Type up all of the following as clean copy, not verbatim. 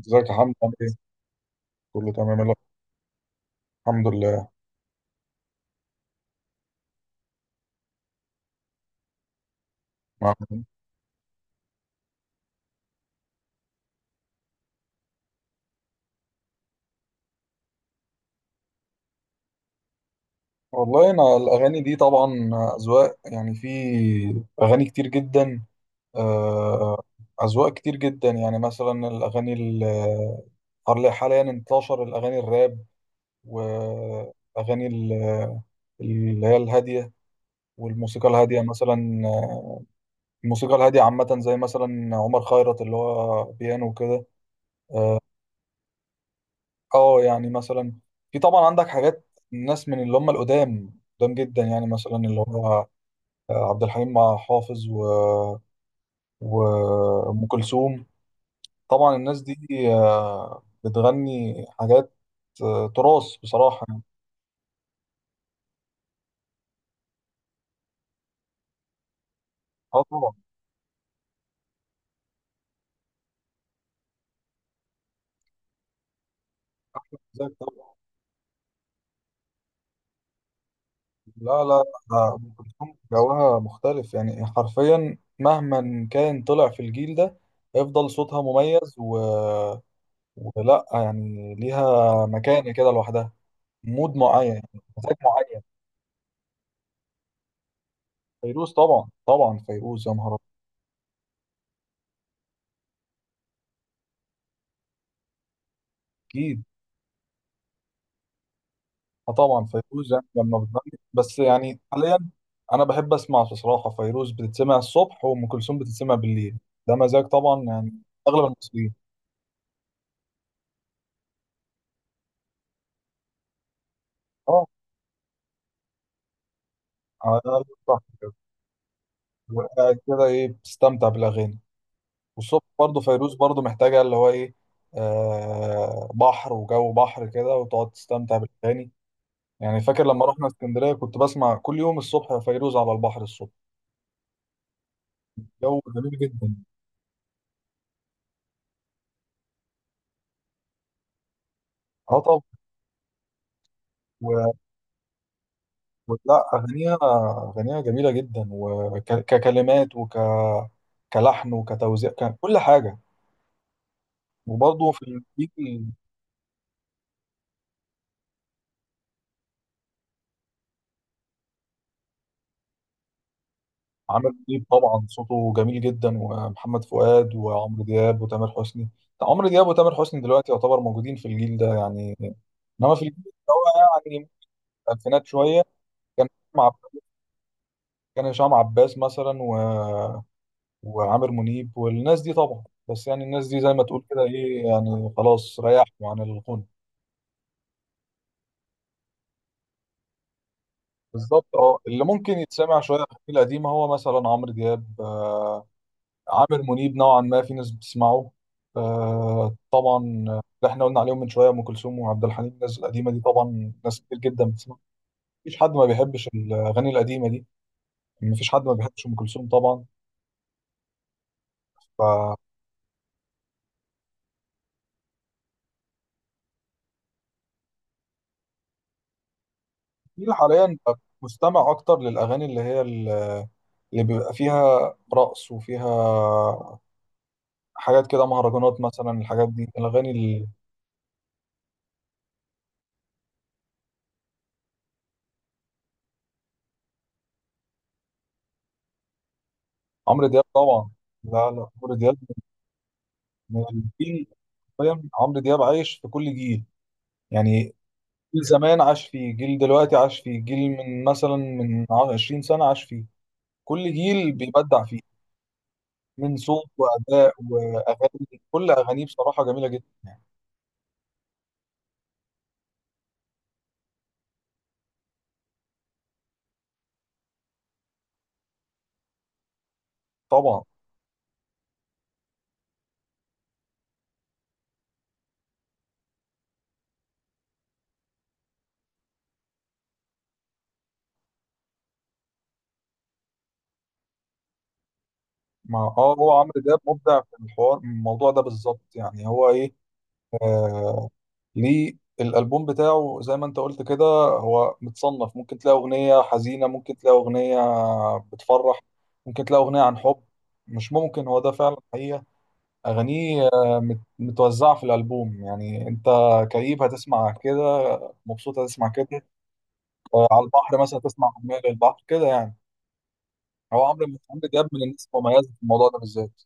ازيك يا حمد؟ عامل ايه؟ كله تمام يلا، الحمد لله. مع- والله انا الاغاني دي طبعا اذواق، يعني في اغاني كتير جدا. آه، اذواق كتير جدا، يعني مثلا حاليا انتشر الاغاني الراب، واغاني ال- اللي هي الهاديه، والموسيقى الهاديه مثلا. الموسيقى الهاديه عامه زي مثلا عمر خيرت، اللي هو بيانو وكده. اه يعني مثلا في طبعا عندك حاجات الناس من اللي هم القدام، قدام جدا، يعني مثلا اللي هو عبد الحليم مع حافظ و وأم كلثوم. طبعا الناس دي بتغني حاجات تراث بصراحة يعني. اه طبعا، ازيك طبعا. لا لا، أم كلثوم جوها مختلف يعني، حرفيا مهما كان طلع في الجيل ده هيفضل صوتها مميز ولا يعني ليها مكانة كده لوحدها. مود معين يعني، مزاج معين. فيروز طبعا، طبعا فيروز يا نهار أبيض. اكيد. آه طبعا فيروز يعني لما بتغني، بس يعني حاليا انا بحب اسمع بصراحه فيروز بتتسمع الصبح، وام كلثوم بتتسمع بالليل. ده مزاج طبعا يعني اغلب المصريين. اه على الأقل صح كده، وقاعد كده ايه بتستمتع بالاغاني. والصبح برضه فيروز، برضه محتاجه اللي هو ايه، آه بحر وجو بحر كده، وتقعد تستمتع بالاغاني. يعني فاكر لما رحنا اسكندريه كنت بسمع كل يوم الصبح فيروز على البحر الصبح. جو جميل جدا. اه طب و- ولا اغانيها، اغانيها جميله جدا، وككلمات كلحن وكتوزيع، ككل حاجه. وبرضه في الجيل عمل كليب، طبعا صوته جميل جدا، ومحمد فؤاد وعمرو دياب وتامر حسني. عمرو دياب وتامر حسني دلوقتي يعتبر موجودين في الجيل ده يعني. انما في الجيل اللي هو يعني الالفينات شويه، كان هشام عب- كان هشام عباس مثلا، وعامر منيب، والناس دي طبعا. بس يعني الناس دي زي ما تقول كده ايه، يعني خلاص ريحوا عن الغنى. بالظبط اه، اللي ممكن يتسمع شويه في القديمه هو مثلا عمرو دياب، آه عامر منيب نوعا ما في ناس بتسمعه. آه طبعا اللي احنا قلنا عليهم من شويه، ام كلثوم وعبد الحليم، الناس القديمه دي طبعا ناس كتير جدا بتسمع. مفيش حد ما بيحبش الاغاني القديمه دي، مفيش حد ما بيحبش ام كلثوم طبعا. جيل حاليا بقى مستمع اكتر للاغاني اللي هي ال- اللي بيبقى فيها رقص، وفيها حاجات كده، مهرجانات مثلا، الحاجات دي عمرو دياب طبعا. لا لا، عمرو دياب من الجيل، فاهم، عمرو دياب عايش في كل جيل يعني. جيل زمان عاش فيه، جيل دلوقتي عاش فيه، جيل من مثلا من 20 سنة عاش فيه. كل جيل بيبدع فيه، من صوت وأداء وأغاني، كل أغانيه بصراحة جميلة جدا يعني. طبعا. ما اه هو عمرو دياب مبدع في الحوار، الموضوع ده بالظبط يعني هو ايه. آه ليه الالبوم بتاعه زي ما انت قلت كده، هو متصنف. ممكن تلاقي اغنيه حزينه، ممكن تلاقي اغنيه بتفرح، ممكن تلاقي اغنيه عن حب. مش ممكن، هو ده فعلا حقيقه. اغانيه متوزعه في الالبوم يعني. انت كئيب هتسمع كده، مبسوط هتسمع كده، على البحر مثلا تسمع اغنيه للبحر كده يعني. هو عمرو دياب من الناس المميزه في الموضوع ده بالذات.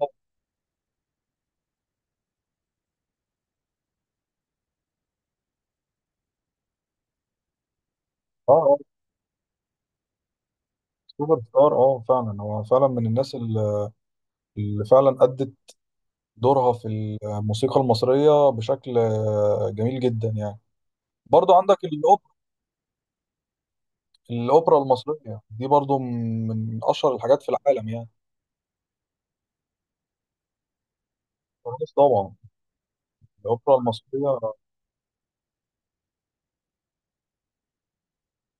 اه. آه. سوبر ستار، اه فعلا هو فعلا من الناس اللي، اللي فعلا أدت دورها في الموسيقى المصرية بشكل جميل جدا يعني. برضو عندك الأوبرا المصرية دي برضو من أشهر الحاجات في العالم يعني. فارس طبعا، الأوبرا المصرية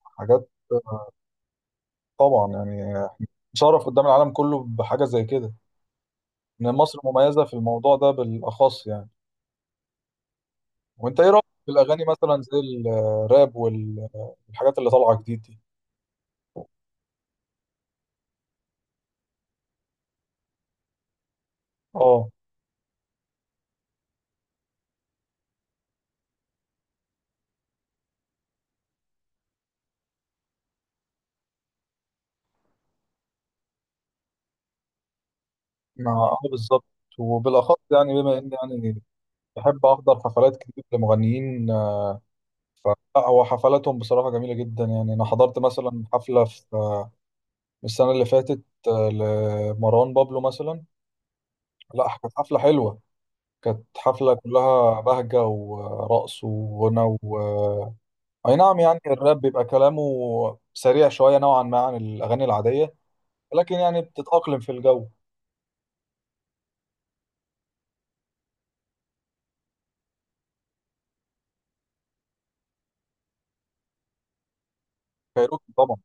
حاجات، طبعا يعني تشرف قدام العالم كله بحاجة زي كده، إن مصر مميزة في الموضوع ده بالأخص يعني. وأنت إيه رأيك في الأغاني مثلا زي الراب، والحاجات اللي طالعة جديد دي؟ اه ما بالظبط. وبالاخص يعني، بما اني يعني بحب احضر حفلات كتير لمغنيين. ف- لا هو حفلاتهم بصراحه جميله جدا يعني. انا حضرت مثلا حفله في السنه اللي فاتت لمروان بابلو مثلا. لا كانت حفله حلوه، كانت حفله كلها بهجه ورقص وغنى و... اي نعم يعني الراب بيبقى كلامه سريع شويه نوعا ما عن الاغاني العاديه، لكن يعني بتتاقلم في الجو. كايروكي طبعا،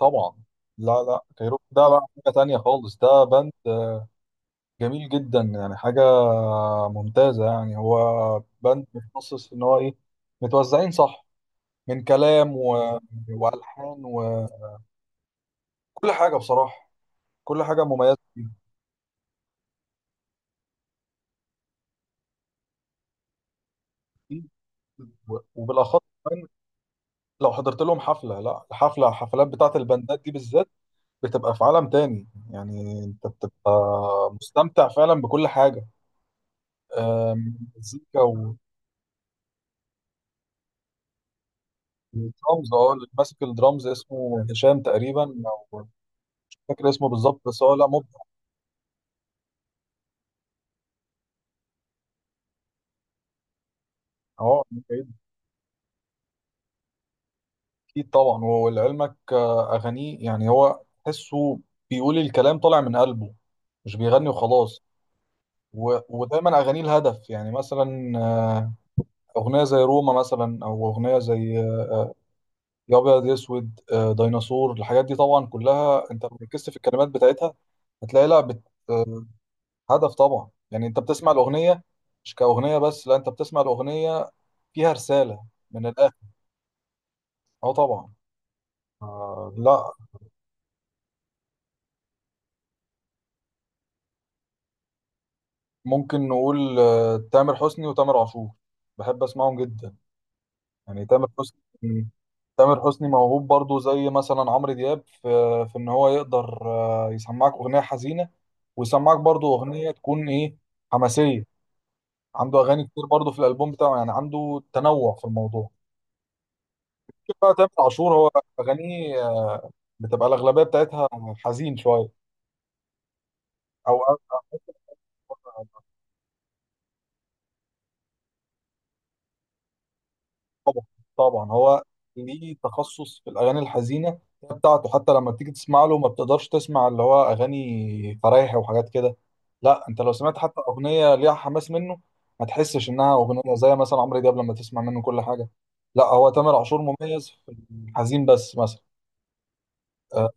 طبعا. لا لا، كايروكي ده بقى حاجة تانية خالص، ده باند جميل جدا يعني، حاجة ممتازة يعني. هو باند متخصص إن هو إيه، متوزعين صح، من كلام وألحان وكل حاجة. بصراحة كل حاجة مميزة فيه. وبالأخص كمان لو حضرت لهم حفلة، لا الحفلات بتاعة الباندات دي بالذات بتبقى في عالم تاني، يعني أنت بتبقى مستمتع فعلا بكل حاجة. مزيكا الدرامز، اه اللي ماسك الدرامز اسمه هشام تقريبا، او مش فاكر اسمه بالظبط، بس هو لا مبدع. اه اكيد طبعا. ولعلمك اغانيه يعني هو تحسه بيقول الكلام طالع من قلبه، مش بيغني وخلاص. ودايما اغانيه الهدف يعني، مثلا اغنيه زي روما مثلا، او اغنيه زي يا ابيض يا اسود، ديناصور، الحاجات دي طبعا كلها انت لو ركزت في الكلمات بتاعتها هتلاقي لها بت- هدف طبعا. يعني انت بتسمع الاغنيه مش كأغنية بس، لا انت بتسمع الأغنية فيها رسالة من الآخر. اه طبعا. آه لا. ممكن نقول آه تامر حسني وتامر عاشور، بحب اسمعهم جدا. يعني تامر حسني، تامر حسني موهوب برضو زي مثلا عمرو دياب في، في ان هو يقدر آه يسمعك اغنية حزينة، ويسمعك برضو اغنية تكون ايه، حماسية. عنده اغاني كتير برضو في الالبوم بتاعه، يعني عنده تنوع في الموضوع. شوف بقى تامر عاشور هو اغانيه بتبقى الاغلبية بتاعتها حزين شوية، او طبعا هو ليه تخصص في الاغاني الحزينه بتاعته. حتى لما بتيجي تسمع له ما بتقدرش تسمع اللي هو اغاني فرايح وحاجات كده. لا انت لو سمعت حتى اغنيه ليها حماس منه ما تحسش انها اغنيه زي مثلا عمرو دياب لما تسمع منه كل حاجه. لا هو تامر عاشور مميز في الحزين بس مثلا، آه،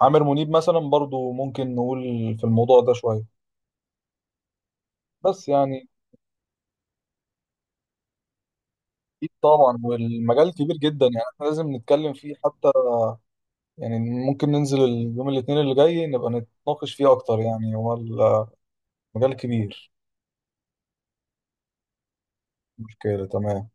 عامر منيب مثلا برضو ممكن نقول في الموضوع ده شويه. بس يعني اكيد طبعا والمجال كبير جدا، يعني احنا لازم نتكلم فيه حتى يعني. ممكن ننزل اليوم الاثنين اللي جاي نبقى نتناقش فيه اكتر، يعني هو المجال كبير. مشكلة تمام.